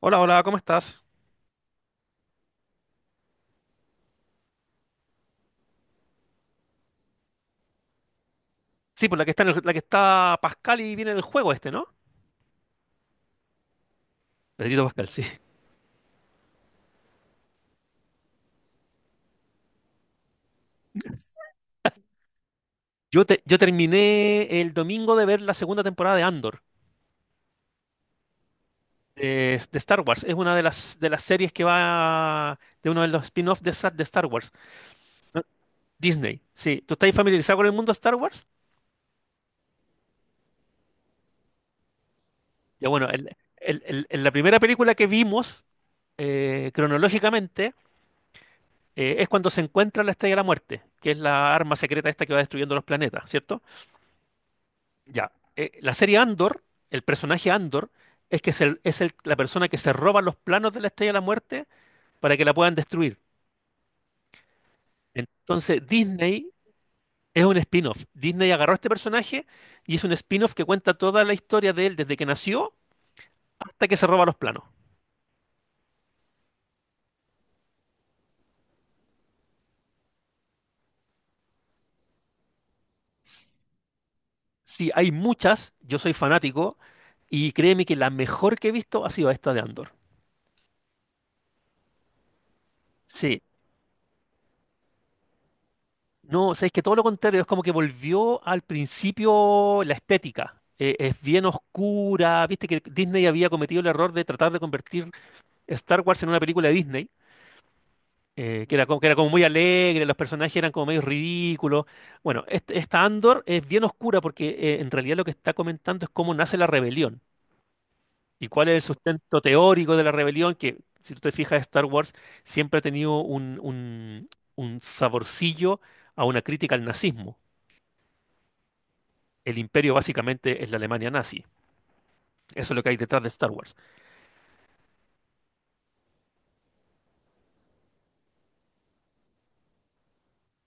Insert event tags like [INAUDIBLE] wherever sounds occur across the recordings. Hola, hola, ¿cómo estás? Sí, pues la que está la que está Pascal y viene en el juego este, ¿no? Pedrito Pascal, sí. Yo terminé el domingo de ver la segunda temporada de Andor, de Star Wars. Es una de las series que va de uno de los spin-offs de Star Wars. ¿No? Disney, sí. ¿Tú estás familiarizado con el mundo Star Wars? Ya bueno, la primera película que vimos, cronológicamente, es cuando se encuentra la Estrella de la Muerte, que es la arma secreta esta que va destruyendo los planetas, ¿cierto? Ya. La serie Andor, el personaje Andor, es que es, la persona que se roba los planos de la Estrella de la Muerte para que la puedan destruir. Entonces, Disney es un spin-off. Disney agarró a este personaje y es un spin-off que cuenta toda la historia de él desde que nació hasta que se roba los planos. Sí, hay muchas, yo soy fanático, y créeme que la mejor que he visto ha sido esta de Andor. Sí. No, o sea, es que todo lo contrario, es como que volvió al principio la estética. Es bien oscura, viste que Disney había cometido el error de tratar de convertir Star Wars en una película de Disney, que era como muy alegre, los personajes eran como medio ridículos. Bueno, esta Andor es bien oscura porque en realidad lo que está comentando es cómo nace la rebelión y cuál es el sustento teórico de la rebelión, que si tú te fijas, Star Wars siempre ha tenido un saborcillo a una crítica al nazismo. El imperio básicamente es la Alemania nazi. Eso es lo que hay detrás de Star Wars.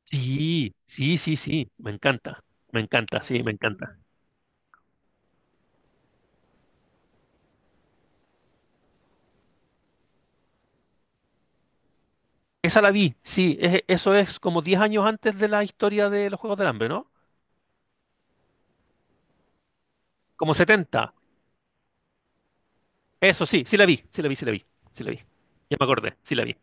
Sí, sí, sí, sí, me encanta, sí, me encanta. Esa la vi, sí, eso es como 10 años antes de la historia de los Juegos del Hambre, ¿no? Como 70. Eso sí, sí la vi, sí la vi, sí la vi, sí la vi. Ya me acordé, sí la vi.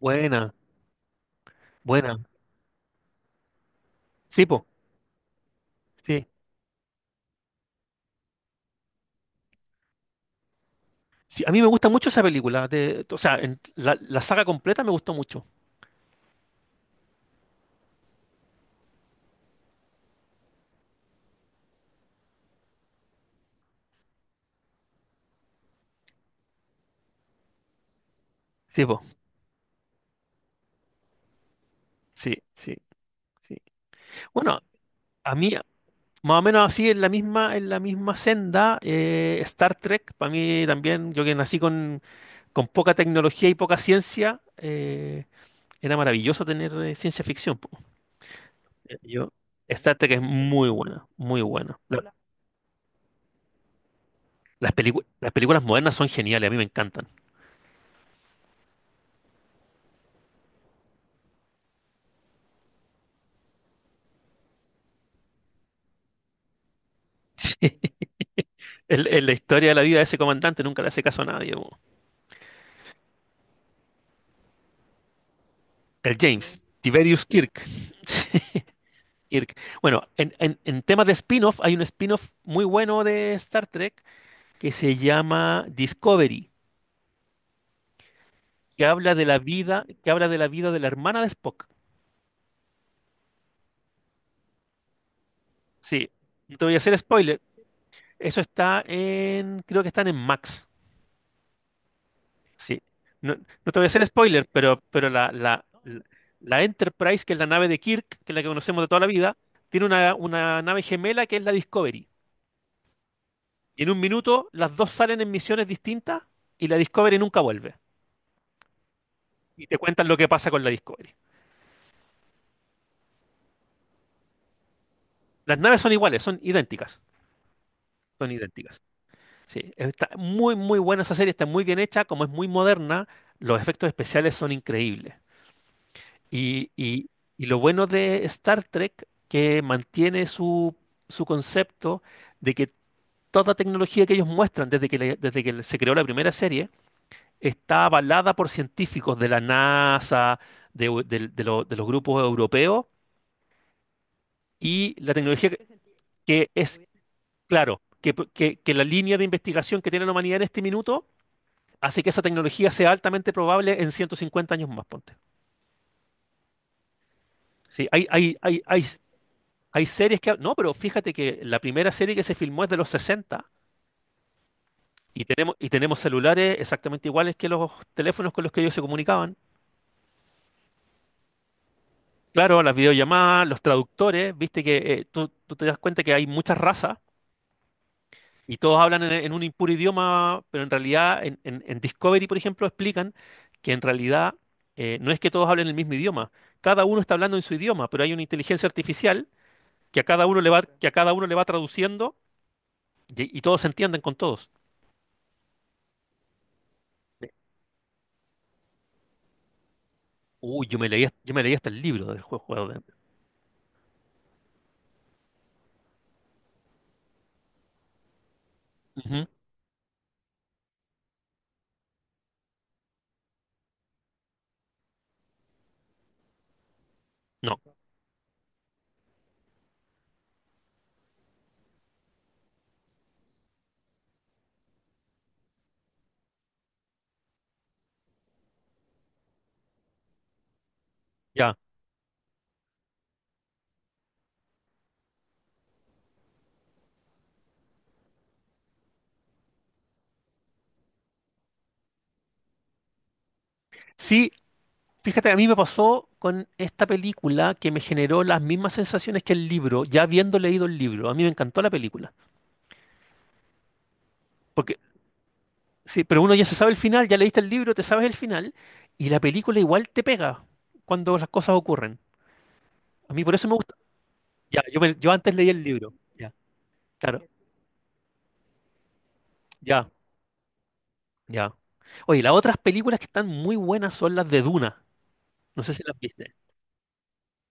Buena, buena. Sí, po, sí. Sí, a mí me gusta mucho esa película, de, o sea, la saga completa me gustó mucho. Sí, po, sí, sí, sí. Bueno, a mí, más o menos así, en la misma senda, Star Trek, para mí también, yo que nací con poca tecnología y poca ciencia, era maravilloso tener ciencia ficción, po. Yo, Star Trek es muy buena, muy buena. Las películas modernas son geniales, a mí me encantan. [LAUGHS] Sí, la historia de la vida de ese comandante nunca le hace caso a nadie, po. El James, Tiberius Kirk. [LAUGHS] Kirk. Bueno, en temas de spin-off, hay un spin-off muy bueno de Star Trek que se llama Discovery, que habla de la vida, que habla de la vida de la hermana de Spock. Sí, no te voy a hacer spoiler. Eso está en, creo que están en Max. Sí. No, no te voy a hacer spoiler, pero, pero la la- Enterprise, que es la nave de Kirk, que es la que conocemos de toda la vida, tiene una nave gemela que es la Discovery. Y en un minuto las dos salen en misiones distintas y la Discovery nunca vuelve. Y te cuentan lo que pasa con la Discovery. Las naves son iguales, son idénticas. Son idénticas. Sí, está muy, muy buena esa serie, está muy bien hecha, como es muy moderna, los efectos especiales son increíbles. Y, y- y lo bueno de Star Trek, que mantiene su, su concepto, de que toda tecnología que ellos muestran desde que se creó la primera serie está avalada por científicos de la NASA, de, u- del- de lo- de los grupos europeos, y la tecnología que es, claro, que la línea de investigación que tiene la humanidad en este minuto. Así que esa tecnología sea altamente probable en 150 años más, ponte. Sí, hay series que. No, pero fíjate que la primera serie que se filmó es de los 60, y tenemos celulares exactamente iguales que los teléfonos con los que ellos se comunicaban. Claro, las videollamadas, los traductores, viste que, tú te das cuenta que hay muchas razas y todos hablan en un impuro idioma, pero en realidad en, en Discovery, por ejemplo, explican que en realidad, no es que todos hablen el mismo idioma, cada uno está hablando en su idioma, pero hay una inteligencia artificial que a cada uno le va traduciendo, y todos se entienden con todos. Uy, yo me leí hasta el libro del juego, juego de. Ujú. No, ya. Sí, fíjate, a mí me pasó con esta película que me generó las mismas sensaciones que el libro, ya habiendo leído el libro. A mí me encantó la película. Porque, sí, pero uno ya se sabe el final, ya leíste el libro, te sabes el final, y la película igual te pega cuando las cosas ocurren. A mí por eso me gusta. Ya, yo, yo antes leí el libro. Ya, claro. Ya. Ya. Oye, las otras películas que están muy buenas son las de Duna. No sé si las viste.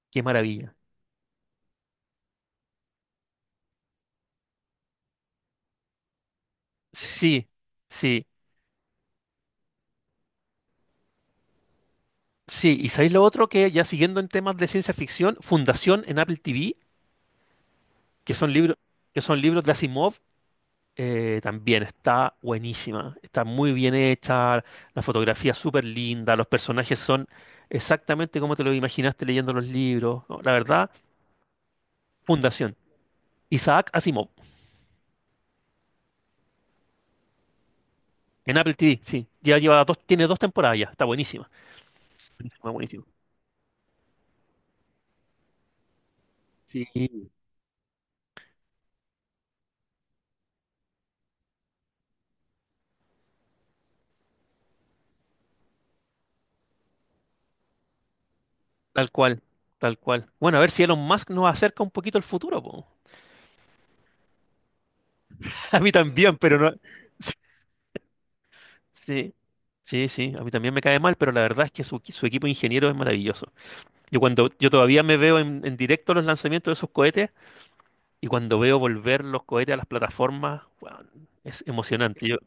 Qué maravilla. Sí, sí, sí. ¿Y sabéis lo otro, que ya, siguiendo en temas de ciencia ficción, Fundación en Apple TV, que son libros, que son libros de Asimov? También está buenísima. Está muy bien hecha, la fotografía es súper linda, los personajes son exactamente como te lo imaginaste leyendo los libros. No, la verdad, Fundación. Isaac Asimov, en Apple TV, sí. Ya lleva dos, tiene dos temporadas ya, está buenísima. Buenísimo, buenísimo. Sí. Tal cual, tal cual. Bueno, a ver si Elon Musk nos acerca un poquito al futuro, po. [LAUGHS] A mí también, pero no. Sí, sí, sí. A mí también me cae mal, pero la verdad es que su equipo de ingenieros es maravilloso. Yo, cuando yo todavía me veo en directo los lanzamientos de sus cohetes y cuando veo volver los cohetes a las plataformas, weón, es emocionante. Yo,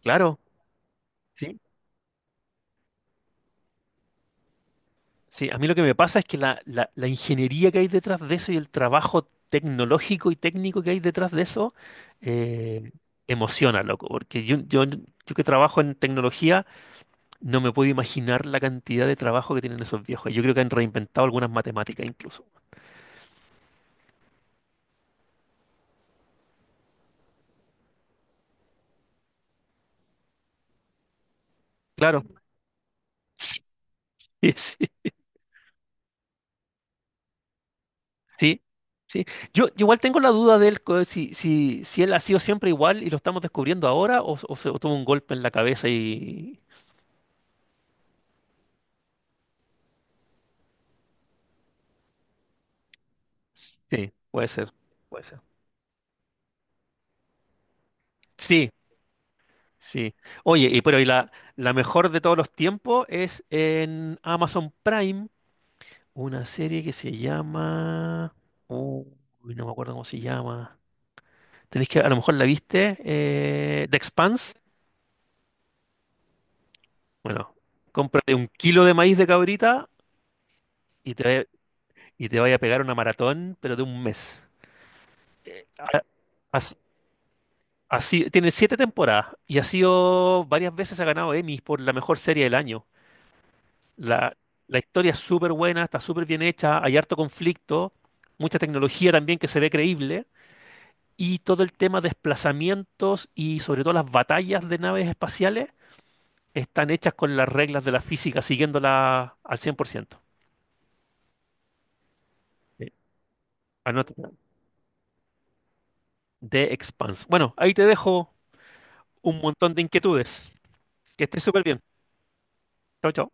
claro. Sí. Sí, a mí lo que me pasa es que la ingeniería que hay detrás de eso, y el trabajo tecnológico y técnico que hay detrás de eso, eh, emociona, loco, porque yo que trabajo en tecnología no me puedo imaginar la cantidad de trabajo que tienen esos viejos. Yo creo que han reinventado algunas matemáticas incluso. Claro. [LAUGHS] Sí, sí, sí. Yo igual tengo la duda de él, si él ha sido siempre igual y lo estamos descubriendo ahora, o se o tuvo un golpe en la cabeza y. Sí, puede ser, puede ser. Sí. Sí. Oye, la mejor de todos los tiempos es en Amazon Prime, una serie que se llama. Uy, no me acuerdo cómo se llama. Tenéis que, a lo mejor la viste, The Expanse. Bueno, cómprate un kilo de maíz de cabrita y te, vaya- y te vaya a pegar una maratón, pero de un mes. Ah, as- Así, tiene siete temporadas y ha sido varias veces ha ganado Emmys por la mejor serie del año. La, la historia es súper buena, está súper bien hecha, hay harto conflicto, mucha tecnología también que se ve creíble, y todo el tema de desplazamientos y sobre todo las batallas de naves espaciales están hechas con las reglas de la física, siguiéndola al 100%. Sí. Anota. The Expanse. Bueno, ahí te dejo un montón de inquietudes. Que estés súper bien. Chao, chao.